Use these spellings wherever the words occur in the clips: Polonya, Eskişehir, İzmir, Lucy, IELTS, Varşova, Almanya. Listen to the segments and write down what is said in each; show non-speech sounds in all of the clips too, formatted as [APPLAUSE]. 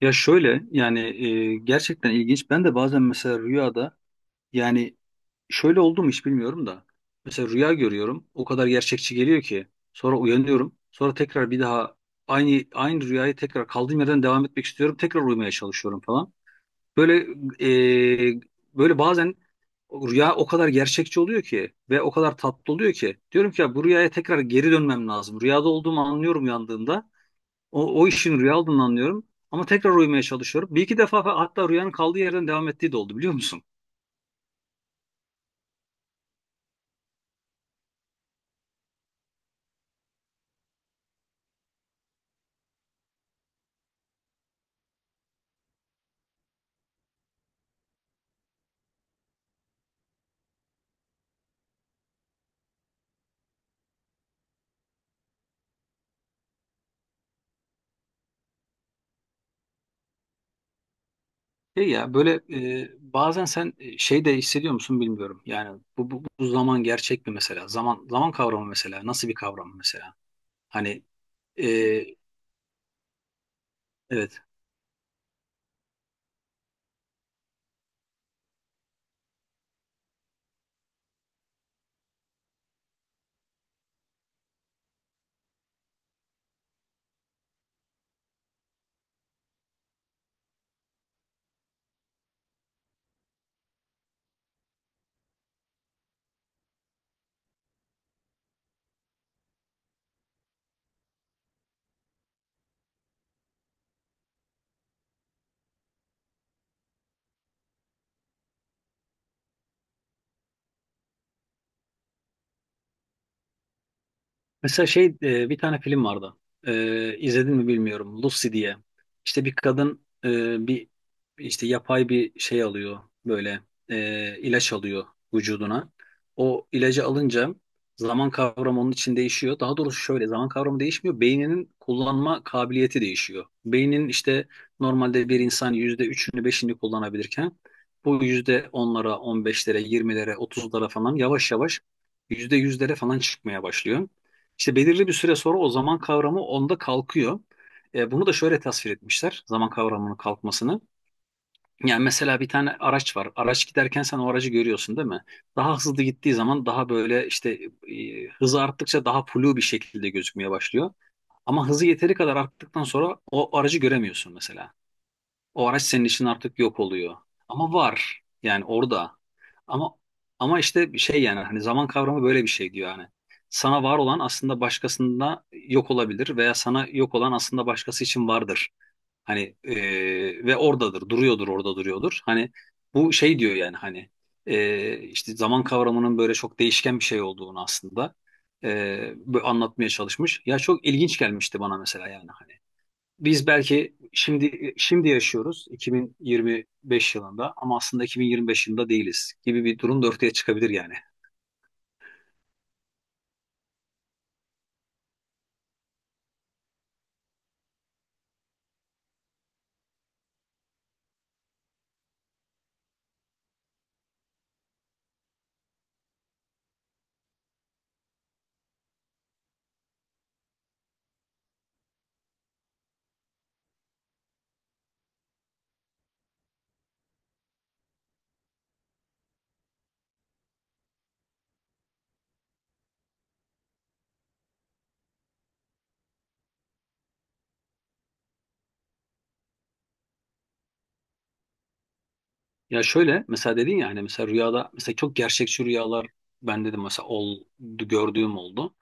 Ya şöyle yani gerçekten ilginç. Ben de bazen mesela rüyada yani şöyle oldu mu hiç bilmiyorum da. Mesela rüya görüyorum. O kadar gerçekçi geliyor ki. Sonra uyanıyorum. Sonra tekrar bir daha aynı rüyayı tekrar kaldığım yerden devam etmek istiyorum. Tekrar uyumaya çalışıyorum falan. Böyle e, böyle bazen rüya o kadar gerçekçi oluyor ki ve o kadar tatlı oluyor ki. Diyorum ki ya bu rüyaya tekrar geri dönmem lazım. Rüyada olduğumu anlıyorum uyandığımda. O işin rüya olduğunu anlıyorum. Ama tekrar uyumaya çalışıyorum. Bir iki defa hatta rüyanın kaldığı yerden devam ettiği de oldu biliyor musun? Şey ya böyle bazen sen şey de hissediyor musun bilmiyorum. Yani bu zaman gerçek mi mesela? Zaman zaman kavramı mesela. Nasıl bir kavram mesela? Hani e, evet. Mesela şey bir tane film vardı. İzledin mi bilmiyorum. Lucy diye. İşte bir kadın bir işte yapay bir şey alıyor böyle ilaç alıyor vücuduna. O ilacı alınca zaman kavramı onun için değişiyor. Daha doğrusu şöyle zaman kavramı değişmiyor. Beyninin kullanma kabiliyeti değişiyor. Beynin işte normalde bir insan yüzde üçünü beşini kullanabilirken bu yüzde onlara, on beşlere, yirmilere, otuzlara falan yavaş yavaş yüzde yüzlere falan çıkmaya başlıyor. İşte belirli bir süre sonra o zaman kavramı onda kalkıyor. Bunu da şöyle tasvir etmişler zaman kavramının kalkmasını. Yani mesela bir tane araç var. Araç giderken sen o aracı görüyorsun değil mi? Daha hızlı gittiği zaman daha böyle işte hızı arttıkça daha flu bir şekilde gözükmeye başlıyor. Ama hızı yeteri kadar arttıktan sonra o aracı göremiyorsun mesela. O araç senin için artık yok oluyor. Ama var yani orada. Ama ama işte şey yani hani zaman kavramı böyle bir şey diyor yani. Sana var olan aslında başkasında yok olabilir veya sana yok olan aslında başkası için vardır. Hani ve oradadır, duruyordur, orada duruyordur. Hani bu şey diyor yani hani işte zaman kavramının böyle çok değişken bir şey olduğunu aslında böyle anlatmaya çalışmış. Ya çok ilginç gelmişti bana mesela yani hani biz belki şimdi yaşıyoruz 2025 yılında ama aslında 2025 yılında değiliz gibi bir durum da ortaya çıkabilir yani. Ya şöyle mesela dedin ya hani mesela rüyada mesela çok gerçekçi rüyalar ben dedim mesela oldu gördüğüm oldu.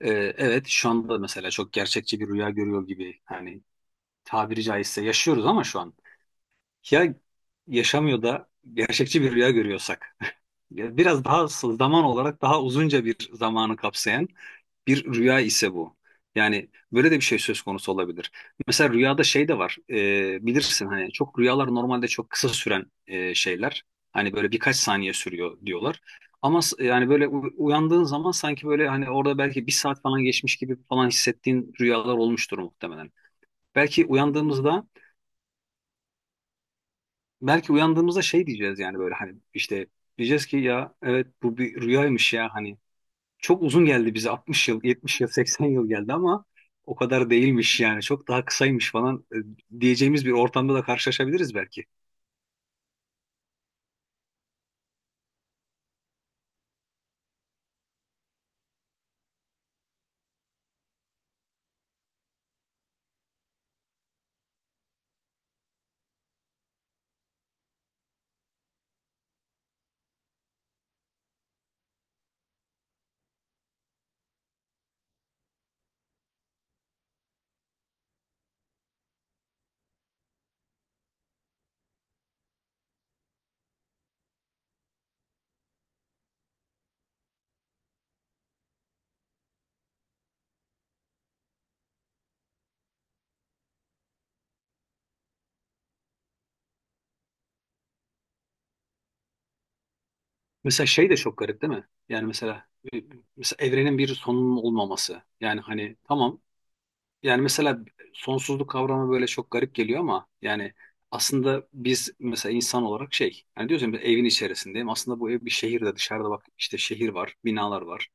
Ee, evet şu anda mesela çok gerçekçi bir rüya görüyor gibi hani tabiri caizse yaşıyoruz ama şu an ya yaşamıyor da gerçekçi bir rüya görüyorsak biraz daha zaman olarak daha uzunca bir zamanı kapsayan bir rüya ise bu. Yani böyle de bir şey söz konusu olabilir. Mesela rüyada şey de var. Bilirsin hani çok rüyalar normalde çok kısa süren şeyler. Hani böyle birkaç saniye sürüyor diyorlar. Ama yani böyle uyandığın zaman sanki böyle hani orada belki bir saat falan geçmiş gibi falan hissettiğin rüyalar olmuştur muhtemelen. Belki uyandığımızda belki uyandığımızda şey diyeceğiz yani böyle hani işte diyeceğiz ki ya evet bu bir rüyaymış ya hani çok uzun geldi bize 60 yıl, 70 yıl, 80 yıl geldi ama o kadar değilmiş yani çok daha kısaymış falan diyeceğimiz bir ortamda da karşılaşabiliriz belki. Mesela şey de çok garip değil mi? Yani mesela, e, mesela evrenin bir sonunun olmaması. Yani hani tamam yani mesela sonsuzluk kavramı böyle çok garip geliyor ama yani aslında biz mesela insan olarak şey yani diyorsun evin içerisindeyim aslında bu ev bir şehirde dışarıda bak işte şehir var binalar var.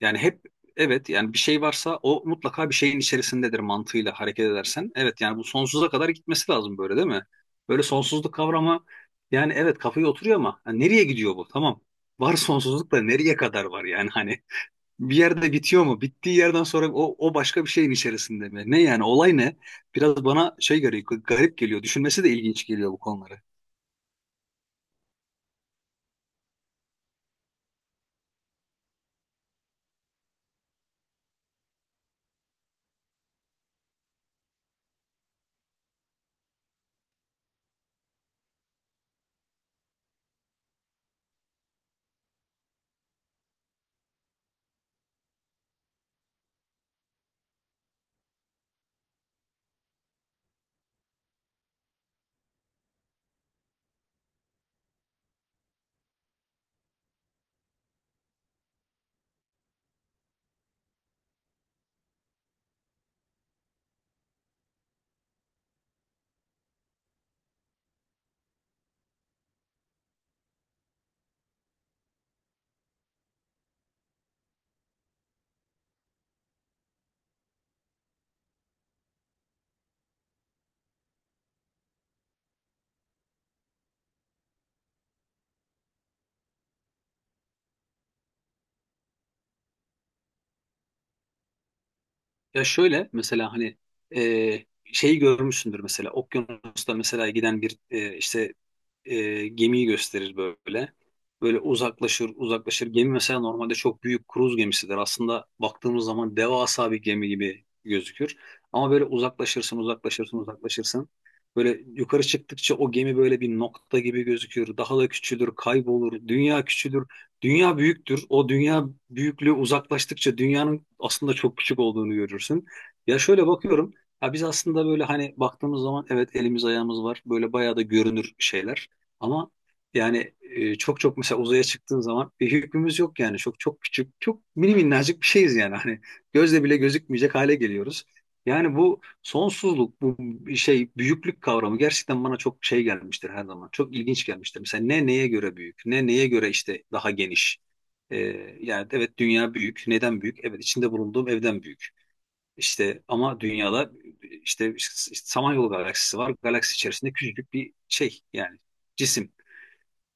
Yani hep evet yani bir şey varsa o mutlaka bir şeyin içerisindedir mantığıyla hareket edersen. Evet yani bu sonsuza kadar gitmesi lazım böyle değil mi? Böyle sonsuzluk kavramı yani evet kafaya oturuyor ama yani nereye gidiyor bu? Tamam. Var sonsuzluk da nereye kadar var yani hani bir yerde bitiyor mu? Bittiği yerden sonra o başka bir şeyin içerisinde mi? Ne yani olay ne? Biraz bana şey geliyor garip geliyor. Düşünmesi de ilginç geliyor bu konuları. Ya şöyle mesela hani e, şeyi görmüşsündür mesela okyanusta mesela giden bir işte gemiyi gösterir böyle. Böyle uzaklaşır uzaklaşır. Gemi mesela normalde çok büyük kruz gemisidir. Aslında baktığımız zaman devasa bir gemi gibi gözükür. Ama böyle uzaklaşırsın uzaklaşırsın uzaklaşırsın. Böyle yukarı çıktıkça o gemi böyle bir nokta gibi gözükür. Daha da küçülür, kaybolur. Dünya küçülür. Dünya büyüktür. O dünya büyüklüğü uzaklaştıkça dünyanın aslında çok küçük olduğunu görürsün. Ya şöyle bakıyorum. Ya biz aslında böyle hani baktığımız zaman evet elimiz ayağımız var. Böyle bayağı da görünür şeyler. Ama yani çok çok mesela uzaya çıktığın zaman bir hükmümüz yok yani. Çok çok küçük, çok mini minnacık bir şeyiz yani. Hani gözle bile gözükmeyecek hale geliyoruz. Yani bu sonsuzluk, bu şey büyüklük kavramı gerçekten bana çok şey gelmiştir her zaman. Çok ilginç gelmiştir. Mesela ne neye göre büyük, ne neye göre işte daha geniş. E, Yani evet dünya büyük. Neden büyük? Evet içinde bulunduğum evden büyük. İşte ama dünyada işte, işte Samanyolu galaksisi var. Galaksi içerisinde küçücük bir şey yani cisim.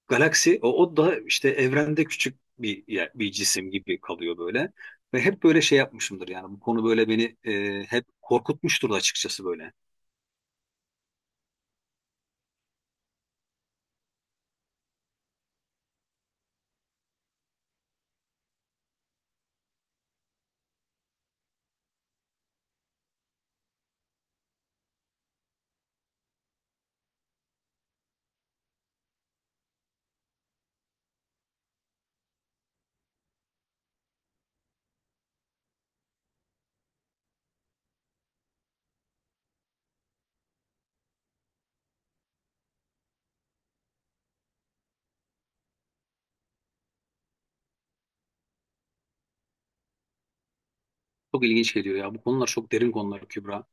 Galaksi o da işte evrende küçük bir bir cisim gibi kalıyor böyle. Ve hep böyle şey yapmışımdır yani bu konu böyle beni hep korkutmuştur da açıkçası böyle. Çok ilginç geliyor ya bu konular çok derin konular Kübra.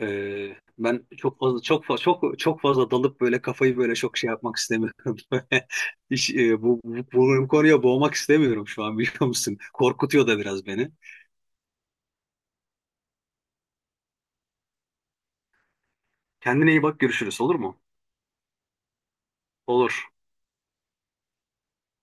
Ben çok fazla çok fazla çok çok fazla dalıp böyle kafayı böyle çok şey yapmak istemiyorum. [LAUGHS] Böyle. Hiç, bu konuya boğmak istemiyorum şu an biliyor musun? Korkutuyor da biraz beni. Kendine iyi bak görüşürüz olur mu? Olur.